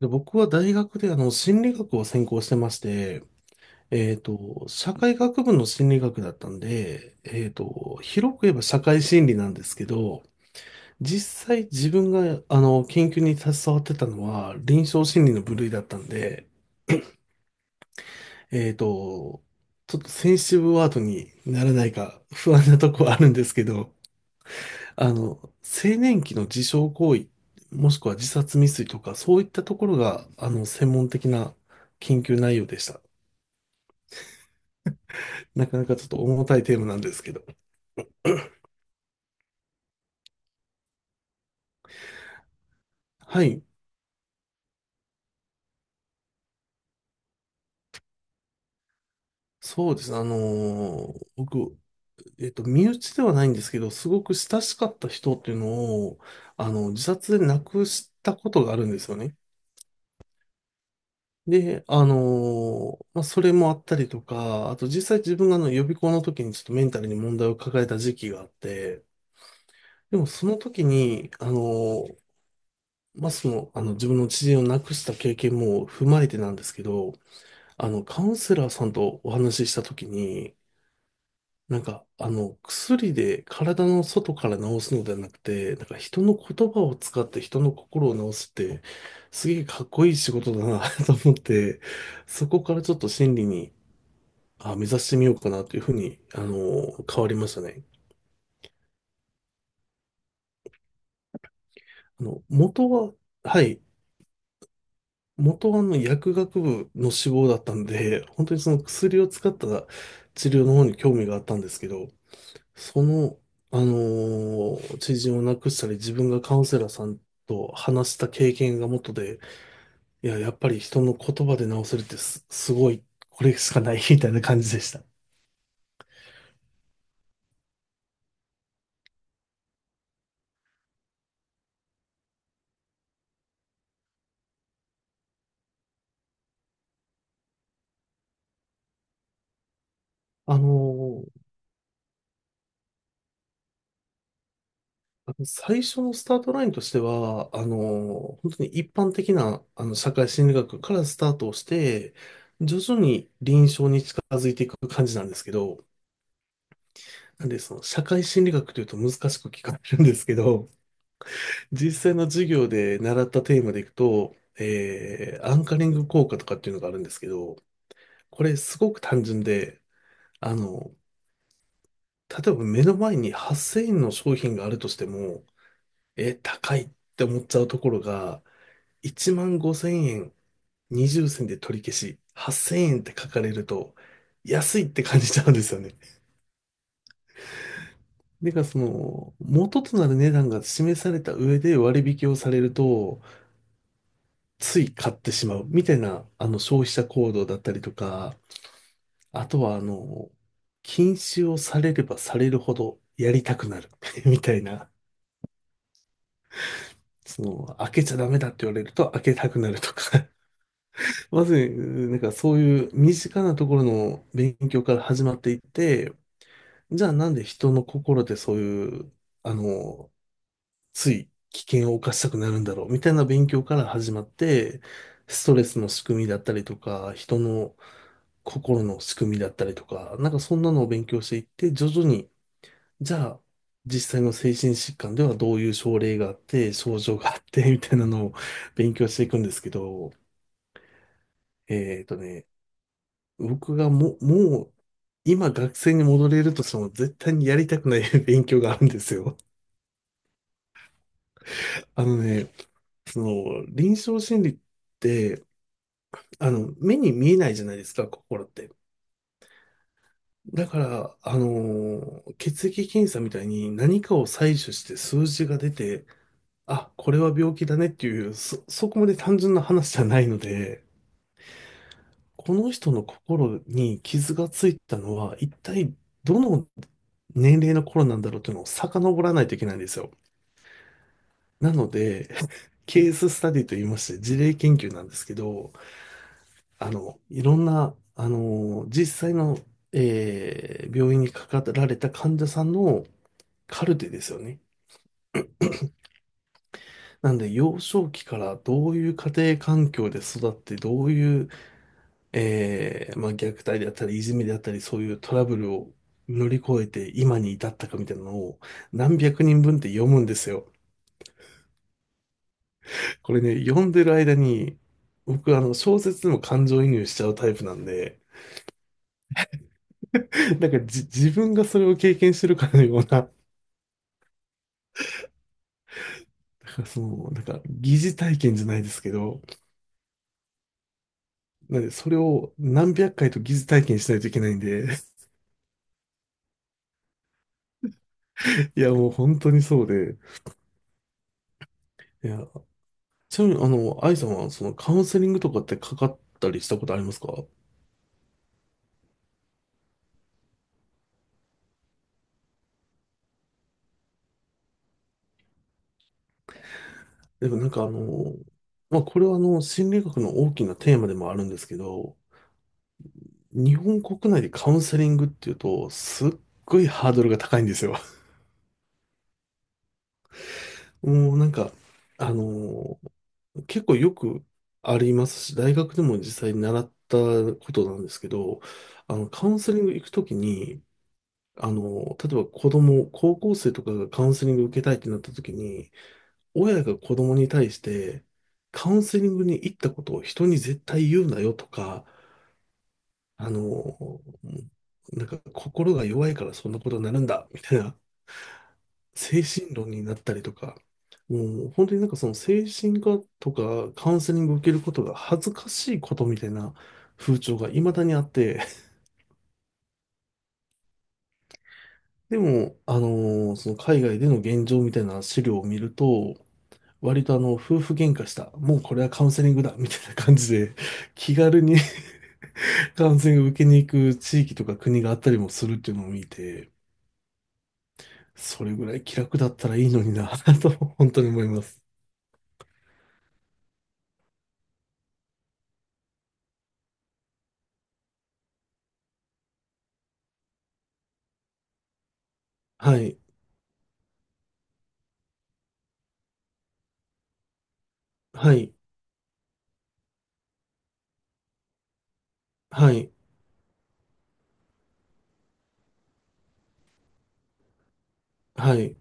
で、僕は大学で心理学を専攻してまして、社会学部の心理学だったんで、広く言えば社会心理なんですけど、実際自分が研究に携わってたのは臨床心理の部類だったんで、えっと、ちょっとセンシティブワードにならないか不安なとこはあるんですけど、青年期の自傷行為、もしくは自殺未遂とか、そういったところが、専門的な研究内容でした。なかなかちょっと重たいテーマなんですけど。はい。そうです。僕、身内ではないんですけど、すごく親しかった人っていうのを、自殺で亡くしたことがあるんですよね。で、まあ、それもあったりとか、あと実際自分が予備校の時にちょっとメンタルに問題を抱えた時期があって、でもその時に、まあ、自分の知人を亡くした経験も踏まえてなんですけど、カウンセラーさんとお話しした時に、なんか、薬で体の外から治すのではなくて、なんか人の言葉を使って人の心を治すって、すげえかっこいい仕事だな と思って、そこからちょっと心理に、あ、目指してみようかなというふうに、変わりましたね。あの、元は、はい。元は薬学部の志望だったんで、本当にその薬を使った治療の方に興味があったんですけど、その、あの知人を亡くしたり、自分がカウンセラーさんと話した経験が元で、いや、やっぱり人の言葉で直せるってすごい、これしかない みたいな感じでした。あのーあの最初のスタートラインとしては、本当に一般的な、社会心理学からスタートをして、徐々に臨床に近づいていく感じなんですけど、なんで、その、社会心理学というと難しく聞かれるんですけど、実際の授業で習ったテーマでいくと、アンカリング効果とかっていうのがあるんですけど、これすごく単純で、あの、例えば目の前に8000円の商品があるとしても、高いって思っちゃうところが、1万5千円、20銭で取り消し、8千円って書かれると、安いって感じちゃうんですよね。その、元となる値段が示された上で割引をされると、つい買ってしまうみたいな、消費者行動だったりとか、あとは、禁止をされればされるほどやりたくなる みたいな、その、開けちゃダメだって言われると開けたくなるとか、まず、なんかそういう身近なところの勉強から始まっていって、じゃあなんで人の心でそういう、あの、つい危険を冒したくなるんだろうみたいな勉強から始まって、ストレスの仕組みだったりとか、人の心の仕組みだったりとか、なんかそんなのを勉強していって、徐々に、じゃあ実際の精神疾患ではどういう症例があって、症状があって、みたいなのを勉強していくんですけど、えっとね、僕がもう今学生に戻れるとしても絶対にやりたくない 勉強があるんですよ。あのね、その、臨床心理って、目に見えないじゃないですか、心って。だから、血液検査みたいに何かを採取して数字が出て、あ、これは病気だねっていう、そこまで単純な話じゃないので、この人の心に傷がついたのは、一体どの年齢の頃なんだろうというのを遡らないといけないんですよ。なので、ケーススタディと言いまして、事例研究なんですけど、いろんな、実際の、病院にかかられた患者さんのカルテですよね。なんで、幼少期からどういう家庭環境で育って、どういえー、まあ、虐待であったり、いじめであったり、そういうトラブルを乗り越えて今に至ったかみたいなのを何百人分って読むんですよ。これね、読んでる間に、僕、小説にも感情移入しちゃうタイプなんで、なんかじ、自分がそれを経験してるかのような、だからその、なんか、疑似体験じゃないですけど、なんで、それを何百回と疑似体験しないといけないんで、いや、もう本当にそうで、いや、ちなみに、愛さんは、その、カウンセリングとかってかかったりしたことありますか？でもなんかまあ、これは心理学の大きなテーマでもあるんですけど、日本国内でカウンセリングっていうと、すっごいハードルが高いんですよ。もうなんか、あの、結構よくありますし、大学でも実際に習ったことなんですけど、カウンセリング行くときに、例えば子供、高校生とかがカウンセリング受けたいってなったときに、親が子供に対してカウンセリングに行ったことを人に絶対言うなよとか、あの、なんか心が弱いからそんなことになるんだみたいな精神論になったりとか、もう本当になんかその精神科とかカウンセリングを受けることが恥ずかしいことみたいな風潮が未だにあって、でも、その海外での現状みたいな資料を見ると、割と夫婦喧嘩した、もうこれはカウンセリングだみたいな感じで気軽に 感染を受けに行く地域とか国があったりもするっていうのを見て、それぐらい気楽だったらいいのにな と本当に思います。はい、はい、はい、はい。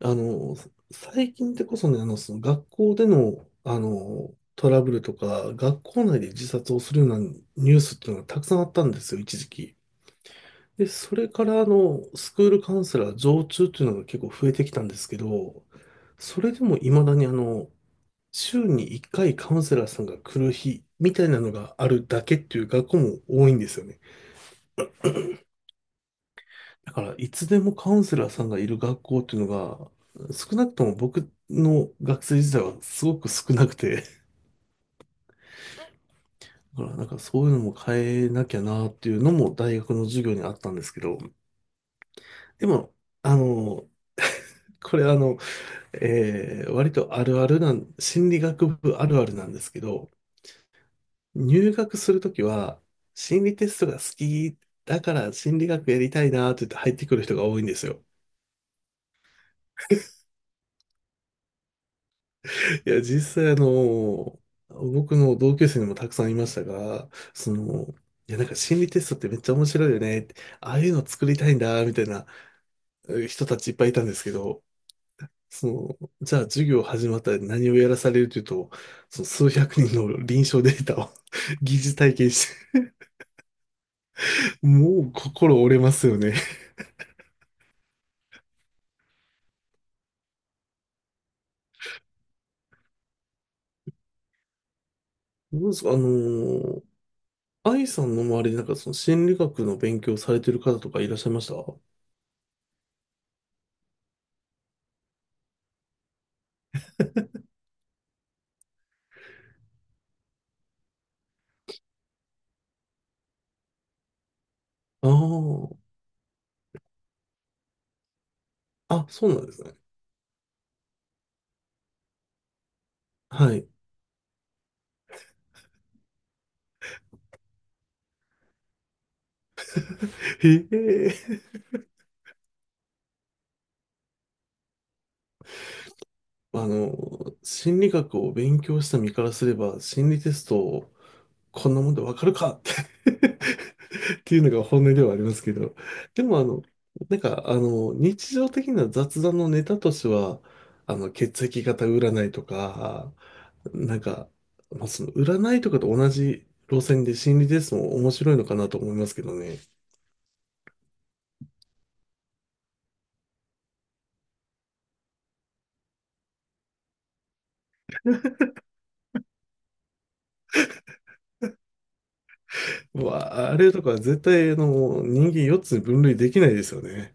あの、最近ってこそね、その学校での、トラブルとか、学校内で自殺をするようなニュースっていうのがたくさんあったんですよ、一時期。で、それからスクールカウンセラー常駐っていうのが結構増えてきたんですけど、それでも未だに週に1回カウンセラーさんが来る日みたいなのがあるだけっていう学校も多いんですよね。だからいつでもカウンセラーさんがいる学校っていうのが少なくとも僕の学生時代はすごく少なくて、だからなんかそういうのも変えなきゃなっていうのも大学の授業にあったんですけど、でも、あの、これ、えー割とあるあるなん、心理学部あるあるなんですけど、入学するときは、心理テストが好きだから心理学やりたいなーって言って入ってくる人が多いんですよ。いや、実際僕の同級生にもたくさんいましたが、その、いや、なんか心理テストってめっちゃ面白いよねって、ああいうの作りたいんだ、みたいな人たちいっぱいいたんですけど、その、じゃあ授業始まったら何をやらされるというと、その数百人の臨床データを 疑似体験して、もう心折れますよね。どうですか、愛さんの周りでなんかその心理学の勉強されてる方とかいらっしゃいましたあ？あー。あ、そうなんですね。はい。へえ。あの、心理学を勉強した身からすれば、心理テストをこんなもんでわかるかって っていうのが本音ではありますけど。でもなんか日常的な雑談のネタとしては、血液型占いとか、なんか、まあ、その占いとかと同じ路線で心理テストも面白いのかなと思いますけどね。うわあ、れとか絶対あの人間4つに分類できないですよね。